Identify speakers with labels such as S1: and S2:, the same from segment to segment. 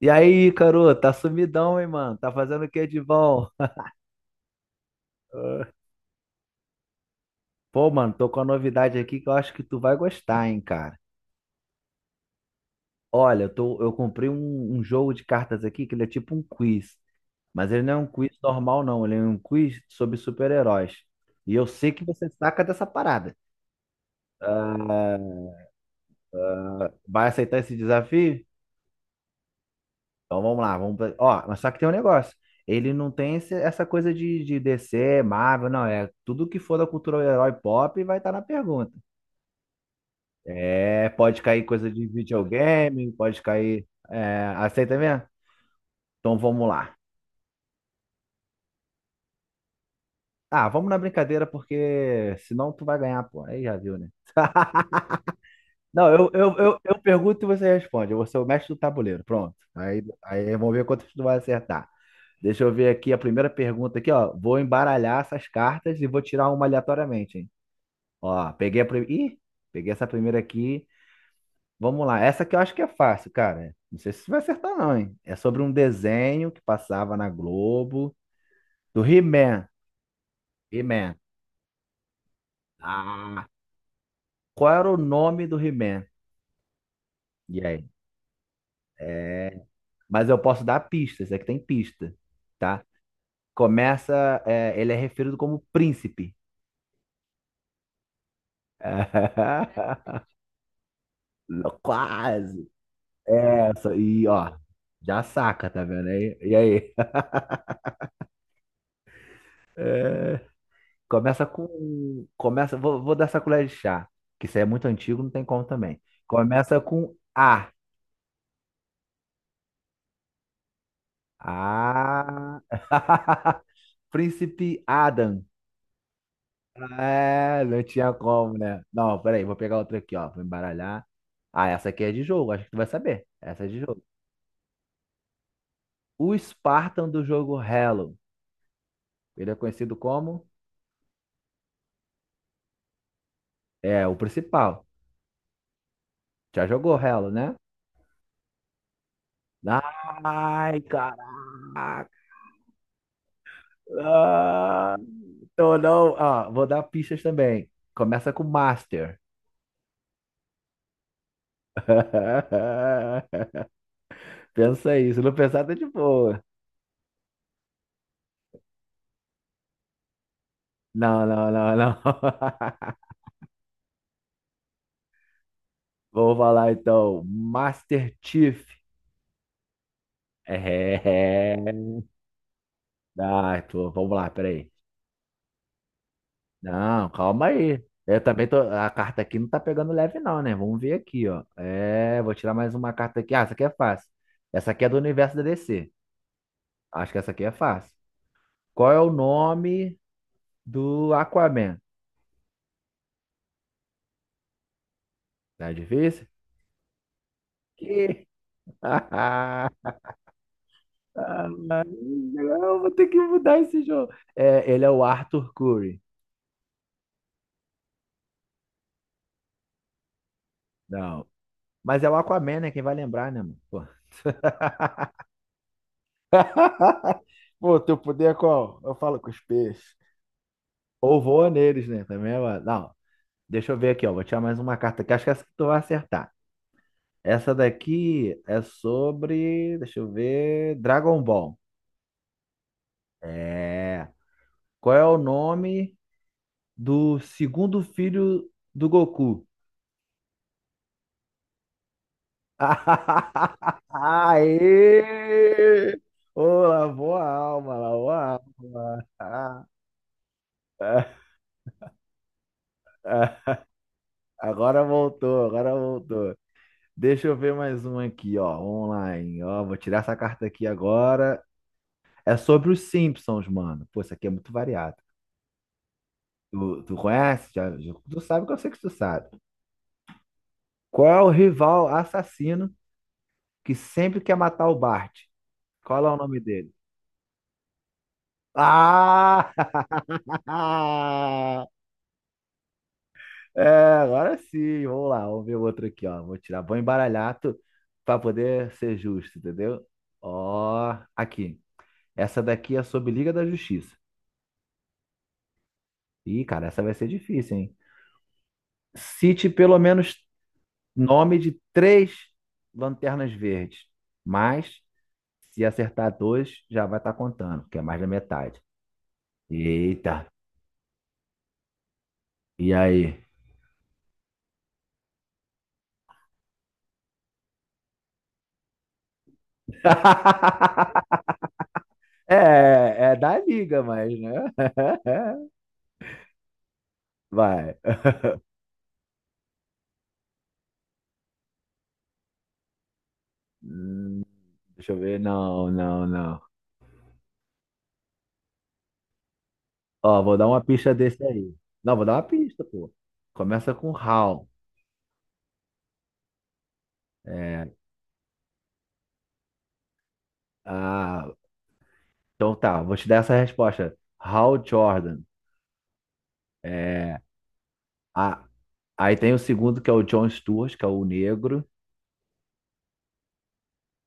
S1: E aí, Caru, tá sumidão, hein, mano? Tá fazendo o que de bom? Pô, mano, tô com uma novidade aqui que eu acho que tu vai gostar, hein, cara. Olha, eu comprei um jogo de cartas aqui que ele é tipo um quiz. Mas ele não é um quiz normal, não. Ele é um quiz sobre super-heróis. E eu sei que você saca dessa parada. Ah, vai aceitar esse desafio? Então vamos lá. Ó, mas só que tem um negócio. Ele não tem essa coisa de DC, Marvel, não. É tudo que for da cultura herói pop vai estar na pergunta. É, pode cair coisa de videogame, pode cair. É, aceita mesmo? Então vamos lá. Ah, vamos na brincadeira, porque senão tu vai ganhar, pô. Aí já viu, né? Não, eu pergunto e você responde. Eu vou ser o mestre do tabuleiro. Pronto. Aí vamos ver quantas tu vai acertar. Deixa eu ver aqui a primeira pergunta aqui, ó. Vou embaralhar essas cartas e vou tirar uma aleatoriamente, hein? Ó, peguei a primeira. Ih, peguei essa primeira aqui. Vamos lá, essa que eu acho que é fácil, cara. Não sei se você vai acertar, não, hein? É sobre um desenho que passava na Globo do He-Man. He-Man. Ah, qual era o nome do He-Man? E aí? É... Mas eu posso dar pistas, é que tem pista, tá? Começa, ele é referido como príncipe. Quase. Essa, e ó, já saca, tá vendo aí? E aí? Começa com. Começa. Vou dar essa colher de chá. Que isso aí é muito antigo, não tem como também. Começa com A. A. Príncipe Adam. É, não tinha como, né? Não, peraí, vou pegar outra aqui, ó. Vou embaralhar. Ah, essa aqui é de jogo, acho que tu vai saber. Essa é de jogo. O Spartan do jogo Halo. Ele é conhecido como? É, o principal. Já jogou Halo, né? Ai, caraca. Ah, então não. Ah, vou dar pistas também. Começa com Master. Pensa aí. Se não pensar, tá de boa. Não, não, não, não. Vou falar então. Master Chief. É. Ah, vamos lá, peraí. Não, calma aí. Eu também tô. A carta aqui não tá pegando leve, não, né? Vamos ver aqui, ó. É, vou tirar mais uma carta aqui. Ah, essa aqui é fácil. Essa aqui é do universo da DC. Acho que essa aqui é fácil. Qual é o nome do Aquaman? Tá difícil? Que... Não, vou ter que mudar esse jogo. É, ele é o Arthur Curry. Não. Mas é o Aquaman, né? Quem vai lembrar, né, mano? Pô, Pô, teu poder é qual? Eu falo com os peixes. Ou voa neles, né? Também é. Não, deixa eu ver aqui, ó. Vou tirar mais uma carta aqui. Acho que é essa que tu vai acertar. Essa daqui é sobre. Deixa eu ver. Dragon Ball. É. Qual é o nome do segundo filho do Goku? Aê! Ô, lavou a alma, lavou a alma. Agora voltou, agora voltou. Deixa eu ver mais um aqui, ó, online. Ó, vou tirar essa carta aqui agora. É sobre os Simpsons, mano. Pô, isso aqui é muito variado. Tu conhece? Tu sabe que eu sei que tu sabe. Qual é o rival assassino que sempre quer matar o Bart? Qual é o nome dele? Ah! É, agora sim, vamos lá, vamos ver o outro aqui, ó. Vou embaralhar para poder ser justo, entendeu? Ó, aqui. Essa daqui é sobre Liga da Justiça. Ih, cara, essa vai ser difícil, hein? Cite pelo menos nome de três lanternas verdes, mas se acertar dois, já vai estar contando, que é mais da metade. Eita, e aí? É da Liga, mas, né? Vai. Deixa eu ver. Não, não, não. Ó, vou dar uma pista desse aí. Não, vou dar uma pista, pô. Começa com Hal. É, ah, então tá, vou te dar essa resposta. Hal Jordan. É, a, Aí tem o segundo, que é o John Stewart, que é o negro.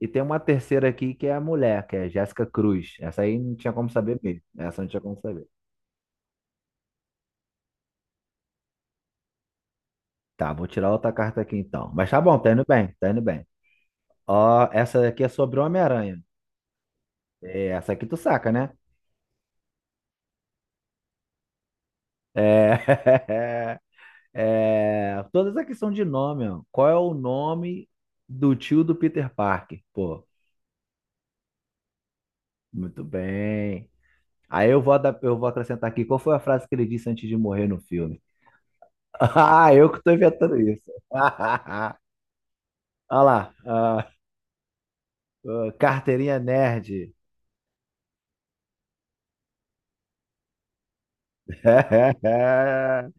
S1: E tem uma terceira aqui, que é a mulher, que é Jéssica Cruz. Essa aí não tinha como saber mesmo. Essa não tinha como saber. Tá, vou tirar outra carta aqui então. Mas tá bom, tá indo bem, tá indo bem. Ó, essa aqui é sobre o Homem-Aranha. Essa aqui tu saca, né? É... Toda essa questão de nome, ó. Qual é o nome do tio do Peter Parker? Pô, muito bem. Aí eu vou acrescentar aqui, qual foi a frase que ele disse antes de morrer no filme? Ah, eu que tô inventando isso. Olha lá, ah, carteirinha nerd.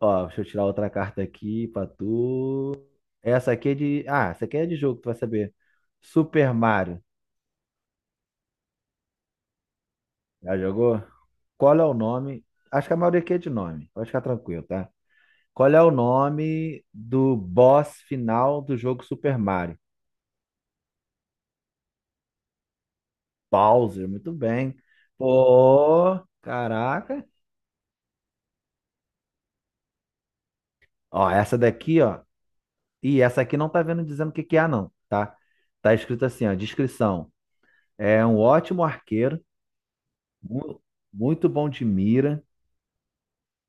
S1: Ó, deixa eu tirar outra carta aqui pra tu. Essa aqui é de. Ah, essa aqui é de jogo, tu vai saber. Super Mario. Já jogou? Qual é o nome? Acho que a maioria aqui é de nome. Pode ficar tranquilo, tá? Qual é o nome do boss final do jogo Super Mario? Bowser, muito bem. Pô, caraca. Ó, essa daqui, ó. E essa aqui não tá vendo dizendo o que que é, não, tá? Tá escrito assim, ó, descrição. É um ótimo arqueiro, mu- muito bom de mira,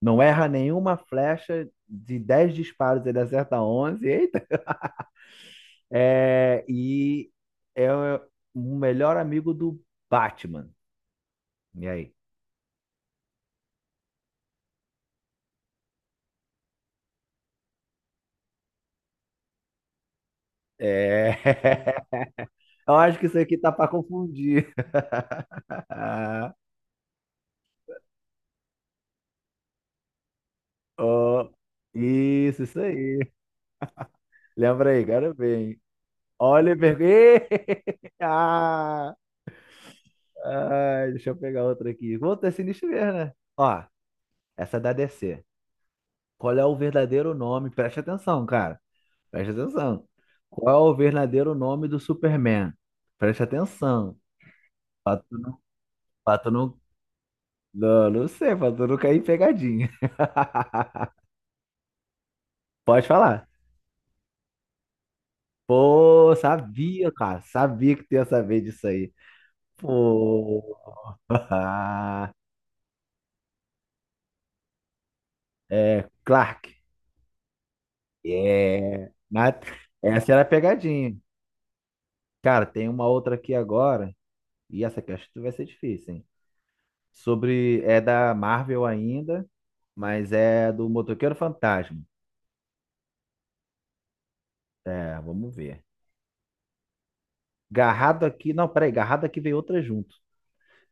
S1: não erra nenhuma flecha, de 10 disparos ele acerta 11. É, e é o melhor amigo do Batman. E aí? É. Eu acho que isso aqui tá pra confundir. Ó, isso aí. Lembra aí, quero ver, hein? Oliver. Ah, ah, deixa eu pegar outra aqui. Vou ter sinistro mesmo, né? Ó, essa é da DC. Qual é o verdadeiro nome? Preste atenção, cara. Preste atenção. Qual é o verdadeiro nome do Superman? Preste atenção. Pra tu não, pra tu não, Não, não sei, pra tu não cair em pegadinha. Pode falar. Pô, sabia, cara. Sabia que tu ia saber disso aí. Pô. É, Clark. É. Mas essa era a pegadinha. Cara, tem uma outra aqui agora. E essa aqui acho que vai ser difícil, hein? Sobre. É da Marvel ainda. Mas é do Motoqueiro Fantasma. É, vamos ver. Garrado aqui. Não, peraí, garrado aqui veio outra junto.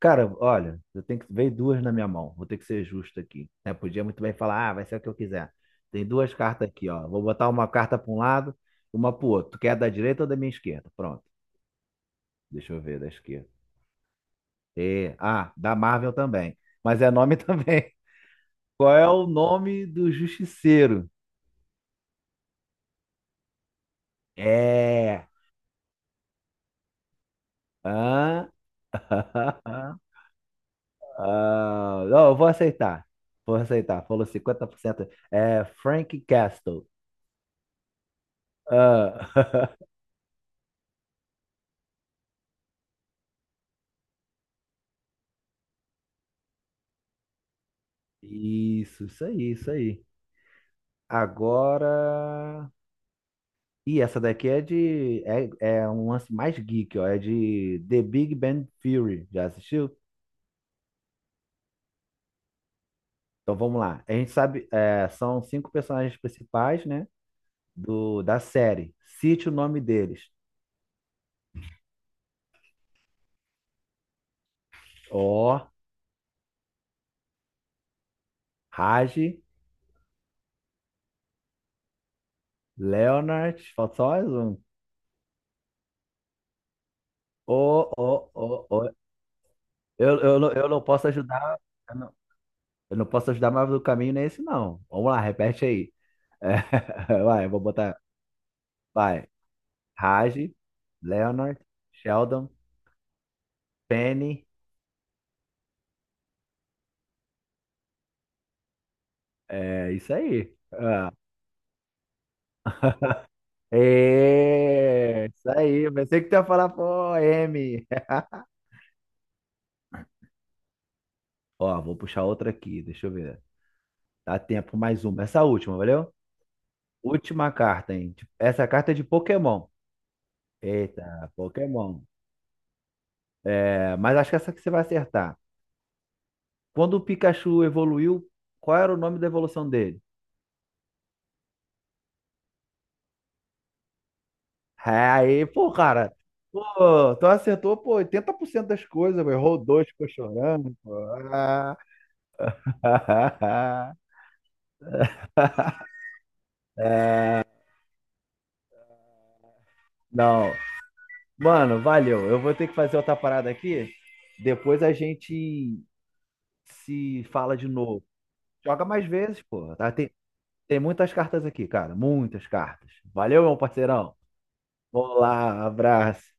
S1: Cara, olha, eu tenho que. Veio duas na minha mão. Vou ter que ser justo aqui, né? Podia muito bem falar, ah, vai ser o que eu quiser. Tem duas cartas aqui, ó. Vou botar uma carta para um lado, uma pro outro. Tu quer da direita ou da minha esquerda? Pronto. Deixa eu ver da esquerda. Da Marvel também. Mas é nome também. Qual é o nome do Justiceiro? É. Hã? Ah, não, eu vou aceitar. Vou aceitar. Falou 50%. É Frank Castle. Ah, isso aí, isso aí. Agora. Ih, essa daqui é de. É um lance mais geek, ó. É de The Big Bang Theory. Já assistiu? Então vamos lá. A gente sabe, são cinco personagens principais, né? Da série. Cite o nome deles. O Raj, Leonard. Falta só mais um. O, eu não posso ajudar. Eu não, eu não posso ajudar, mas o caminho não é esse, não. Vamos lá, repete aí. É, Vai, eu vou botar. Vai. Raj, Leonard, Sheldon, Penny. É isso aí. Ah, é isso aí. Pensei que tu ia falar, pô, M. Ó, vou puxar outra aqui. Deixa eu ver. Dá tempo mais uma. Essa última, valeu? Última carta, hein? Essa carta é de Pokémon. Eita, Pokémon. É, mas acho que essa que você vai acertar. Quando o Pikachu evoluiu, qual era o nome da evolução dele? Aí, pô, cara. Pô, tu acertou, pô, 80% das coisas, pô, errou dois, ficou chorando, pô. Ah. Não. Mano, valeu. Eu vou ter que fazer outra parada aqui. Depois a gente se fala de novo. Joga mais vezes, pô, tá? Tem muitas cartas aqui, cara. Muitas cartas. Valeu, meu parceirão. Olá, abraço.